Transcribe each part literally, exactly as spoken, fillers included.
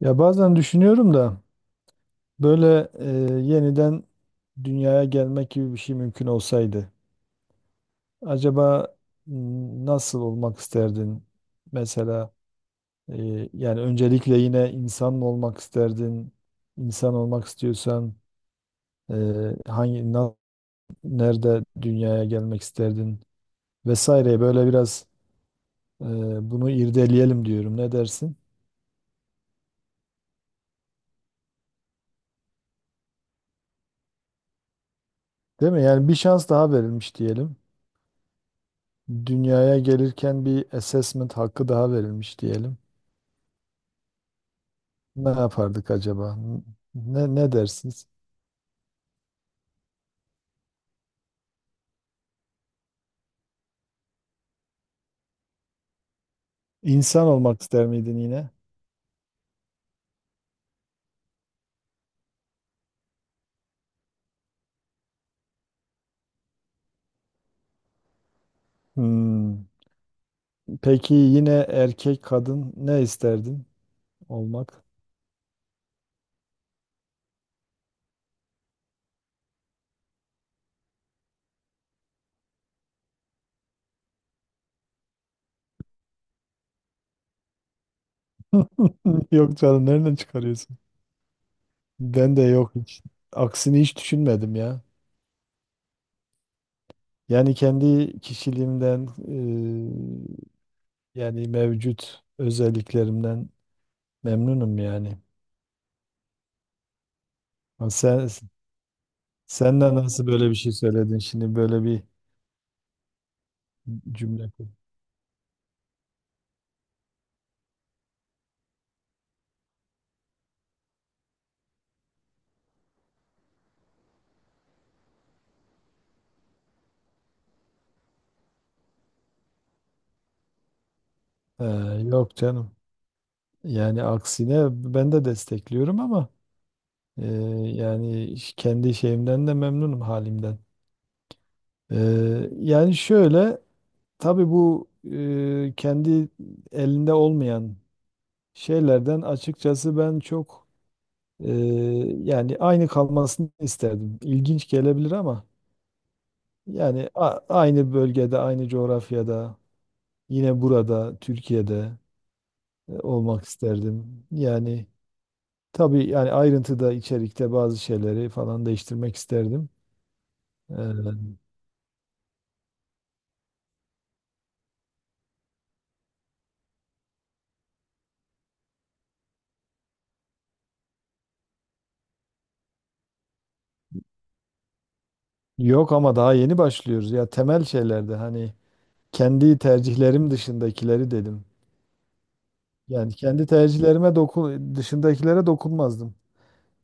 Ya bazen düşünüyorum da böyle e, yeniden dünyaya gelmek gibi bir şey mümkün olsaydı acaba m, nasıl olmak isterdin? Mesela e, yani öncelikle yine insan mı olmak isterdin? İnsan olmak istiyorsan e, hangi na- nerede dünyaya gelmek isterdin? Vesaire böyle biraz e, bunu irdeleyelim diyorum. Ne dersin? Değil mi? Yani bir şans daha verilmiş diyelim. Dünyaya gelirken bir assessment hakkı daha verilmiş diyelim. Ne yapardık acaba? Ne, ne dersiniz? İnsan olmak ister miydin yine? Hmm. Peki yine erkek kadın ne isterdin olmak? Yok canım, nereden çıkarıyorsun? Ben de yok hiç. Aksini hiç düşünmedim ya. Yani kendi kişiliğimden e, yani mevcut özelliklerimden memnunum yani. Ha, sen. Sen de nasıl böyle bir şey söyledin şimdi, böyle bir cümle kur. Ee, Yok canım. Yani aksine ben de destekliyorum ama e, yani kendi şeyimden de memnunum, halimden. Ee, yani şöyle, tabii bu e, kendi elinde olmayan şeylerden açıkçası ben çok e, yani aynı kalmasını isterdim. İlginç gelebilir ama yani a- aynı bölgede, aynı coğrafyada, yine burada, Türkiye'de e, olmak isterdim. Yani tabii yani ayrıntıda, içerikte bazı şeyleri falan değiştirmek isterdim. Ee, Yok ama daha yeni başlıyoruz. Ya temel şeylerde hani kendi tercihlerim dışındakileri dedim. Yani kendi tercihlerime dokun, dışındakilere dokunmazdım.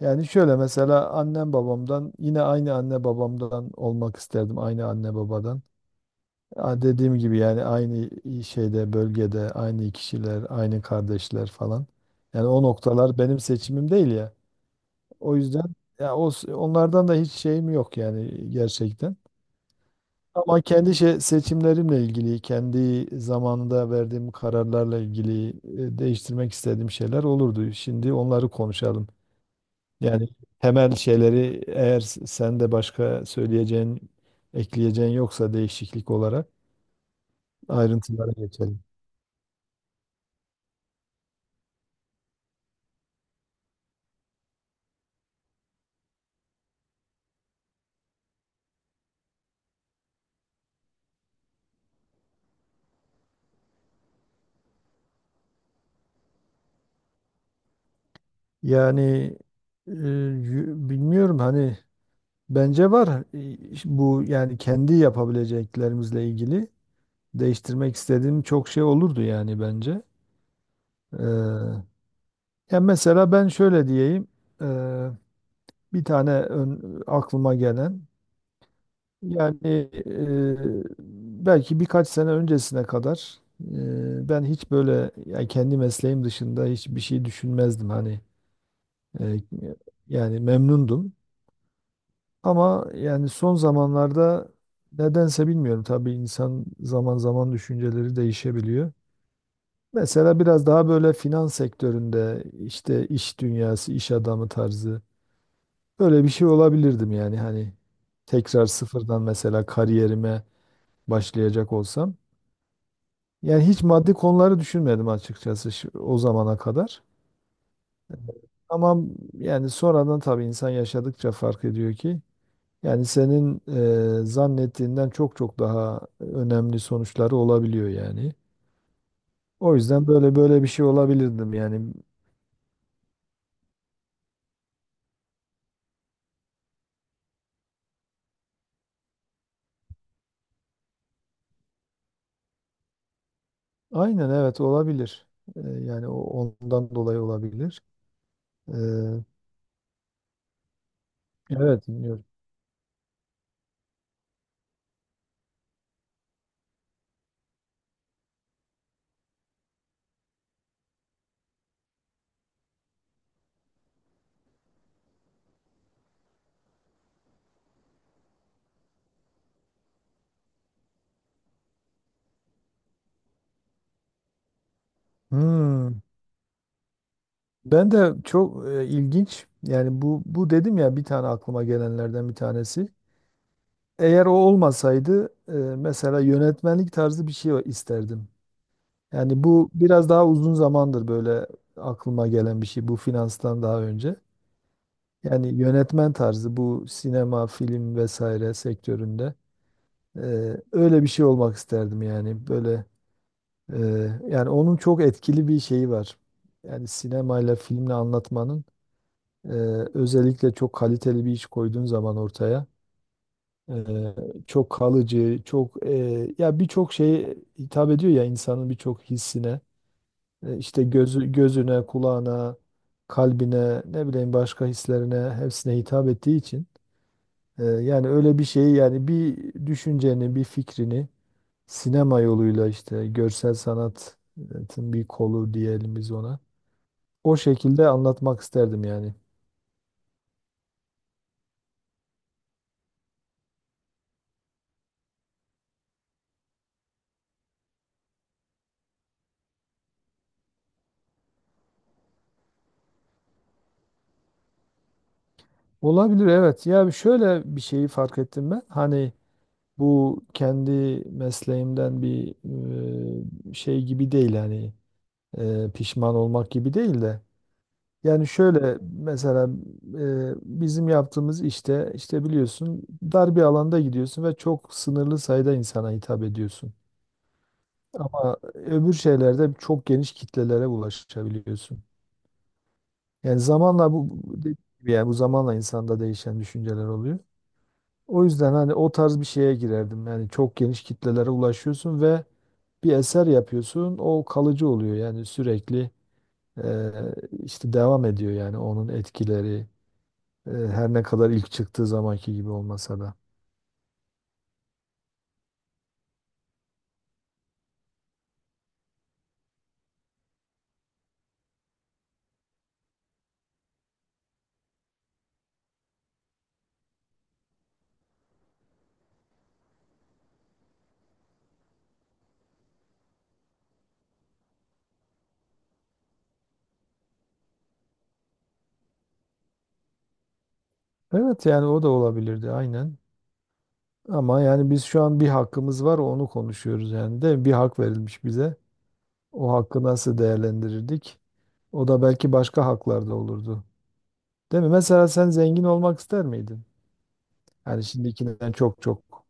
Yani şöyle, mesela annem babamdan, yine aynı anne babamdan olmak isterdim. Aynı anne babadan. Ya, dediğim gibi yani aynı şeyde, bölgede, aynı kişiler, aynı kardeşler falan. Yani o noktalar benim seçimim değil ya. O yüzden ya o, onlardan da hiç şeyim yok yani gerçekten. Ama kendi şey, seçimlerimle ilgili, kendi zamanında verdiğim kararlarla ilgili e, değiştirmek istediğim şeyler olurdu. Şimdi onları konuşalım. Yani temel şeyleri, eğer s- sen de başka söyleyeceğin, ekleyeceğin yoksa değişiklik olarak ayrıntılara geçelim. Yani e, yü- bilmiyorum, hani bence var. E, ş- bu yani kendi yapabileceklerimizle ilgili değiştirmek istediğim çok şey olurdu yani bence. Ee, Ya mesela ben şöyle diyeyim, e, bir tane ön- aklıma gelen, yani e, belki birkaç sene öncesine kadar e, ben hiç böyle yani kendi mesleğim dışında hiçbir şey düşünmezdim hani. E, Yani memnundum. Ama yani son zamanlarda nedense, bilmiyorum, tabii insan zaman zaman düşünceleri değişebiliyor. Mesela biraz daha böyle finans sektöründe, işte iş dünyası, iş adamı tarzı böyle bir şey olabilirdim yani, hani tekrar sıfırdan mesela kariyerime başlayacak olsam. Yani hiç maddi konuları düşünmedim açıkçası şu- o zamana kadar. Ama yani sonradan tabii insan yaşadıkça fark ediyor ki yani senin e, zannettiğinden çok çok daha önemli sonuçları olabiliyor yani. O yüzden böyle böyle bir şey olabilirdim yani. Aynen evet, olabilir. E, yani o ondan dolayı olabilir. E, evet, dinliyorum. Hmm. Ben de çok e, ilginç yani bu bu dedim ya, bir tane aklıma gelenlerden bir tanesi. Eğer o olmasaydı e, mesela yönetmenlik tarzı bir şey isterdim. Yani bu biraz daha uzun zamandır böyle aklıma gelen bir şey, bu finanstan daha önce. Yani yönetmen tarzı, bu sinema, film vesaire sektöründe e, öyle bir şey olmak isterdim yani, böyle e, yani onun çok etkili bir şeyi var. Yani sinemayla, filmle anlatmanın, e, özellikle çok kaliteli bir iş koyduğun zaman ortaya, e, çok kalıcı, çok e, ya birçok şeye hitap ediyor ya, insanın birçok hissine. E, işte gözü, gözüne, kulağına, kalbine, ne bileyim başka hislerine, hepsine hitap ettiği için e, yani öyle bir şeyi, yani bir düşünceni, bir fikrini sinema yoluyla, işte görsel sanatın bir kolu diyelim biz ona, o şekilde anlatmak isterdim yani. Olabilir, evet. Ya şöyle bir şeyi fark ettim ben. Hani bu kendi mesleğimden bir e, şey gibi değil, hani e, pişman olmak gibi değil de yani şöyle, mesela e, bizim yaptığımız işte, işte biliyorsun, dar bir alanda gidiyorsun ve çok sınırlı sayıda insana hitap ediyorsun. Ama öbür şeylerde çok geniş kitlelere ulaşabiliyorsun. Yani zamanla bu bu dediğim gibi, yani bu zamanla insanda değişen düşünceler oluyor. O yüzden hani o tarz bir şeye girerdim. Yani çok geniş kitlelere ulaşıyorsun ve bir eser yapıyorsun. O kalıcı oluyor yani, sürekli e, işte devam ediyor yani onun etkileri, E, her ne kadar ilk çıktığı zamanki gibi olmasa da. Evet yani, o da olabilirdi aynen. Ama yani biz şu an bir hakkımız var, onu konuşuyoruz yani, de bir hak verilmiş bize. O hakkı nasıl değerlendirirdik? O da belki başka haklarda olurdu. Değil mi? Mesela sen zengin olmak ister miydin? Yani şimdikinden çok çok.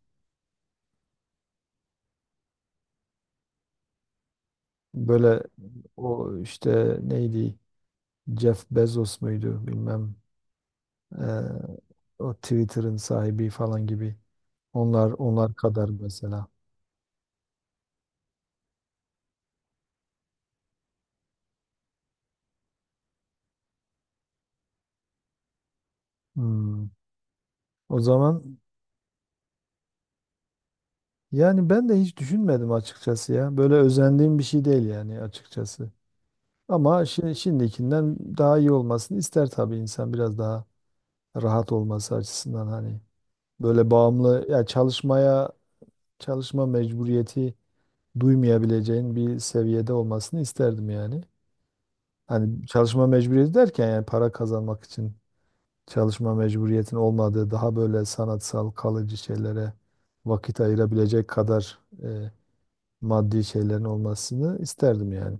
Böyle, o işte neydi, Jeff Bezos muydu bilmem, eee, o Twitter'ın sahibi falan gibi, onlar onlar kadar mesela. Hmm. O zaman yani ben de hiç düşünmedim açıkçası ya. Böyle özendiğim bir şey değil yani açıkçası. Ama şi- şimdikinden daha iyi olmasını ister tabii insan, biraz daha rahat olması açısından, hani böyle bağımlı ya çalışmaya, çalışma mecburiyeti duymayabileceğin bir seviyede olmasını isterdim yani. Hani çalışma mecburiyeti derken yani para kazanmak için çalışma mecburiyetin olmadığı, daha böyle sanatsal kalıcı şeylere vakit ayırabilecek kadar e, maddi şeylerin olmasını isterdim yani.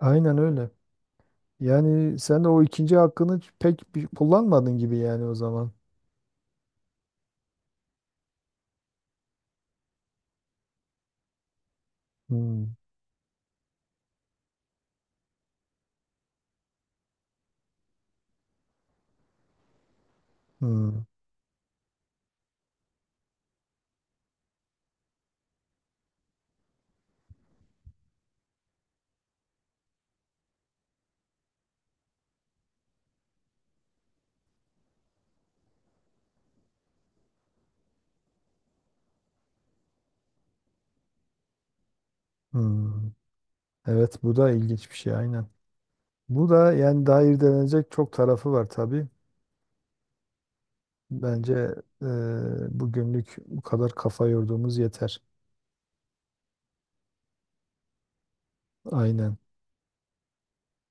Aynen öyle. Yani sen de o ikinci hakkını pek bir kullanmadın gibi yani o zaman. Hmm, hmm, hmm. Evet, bu da ilginç bir şey aynen. Bu da yani daha irdelenecek çok tarafı var tabii. Bence e, bugünlük bu kadar kafa yorduğumuz yeter. Aynen.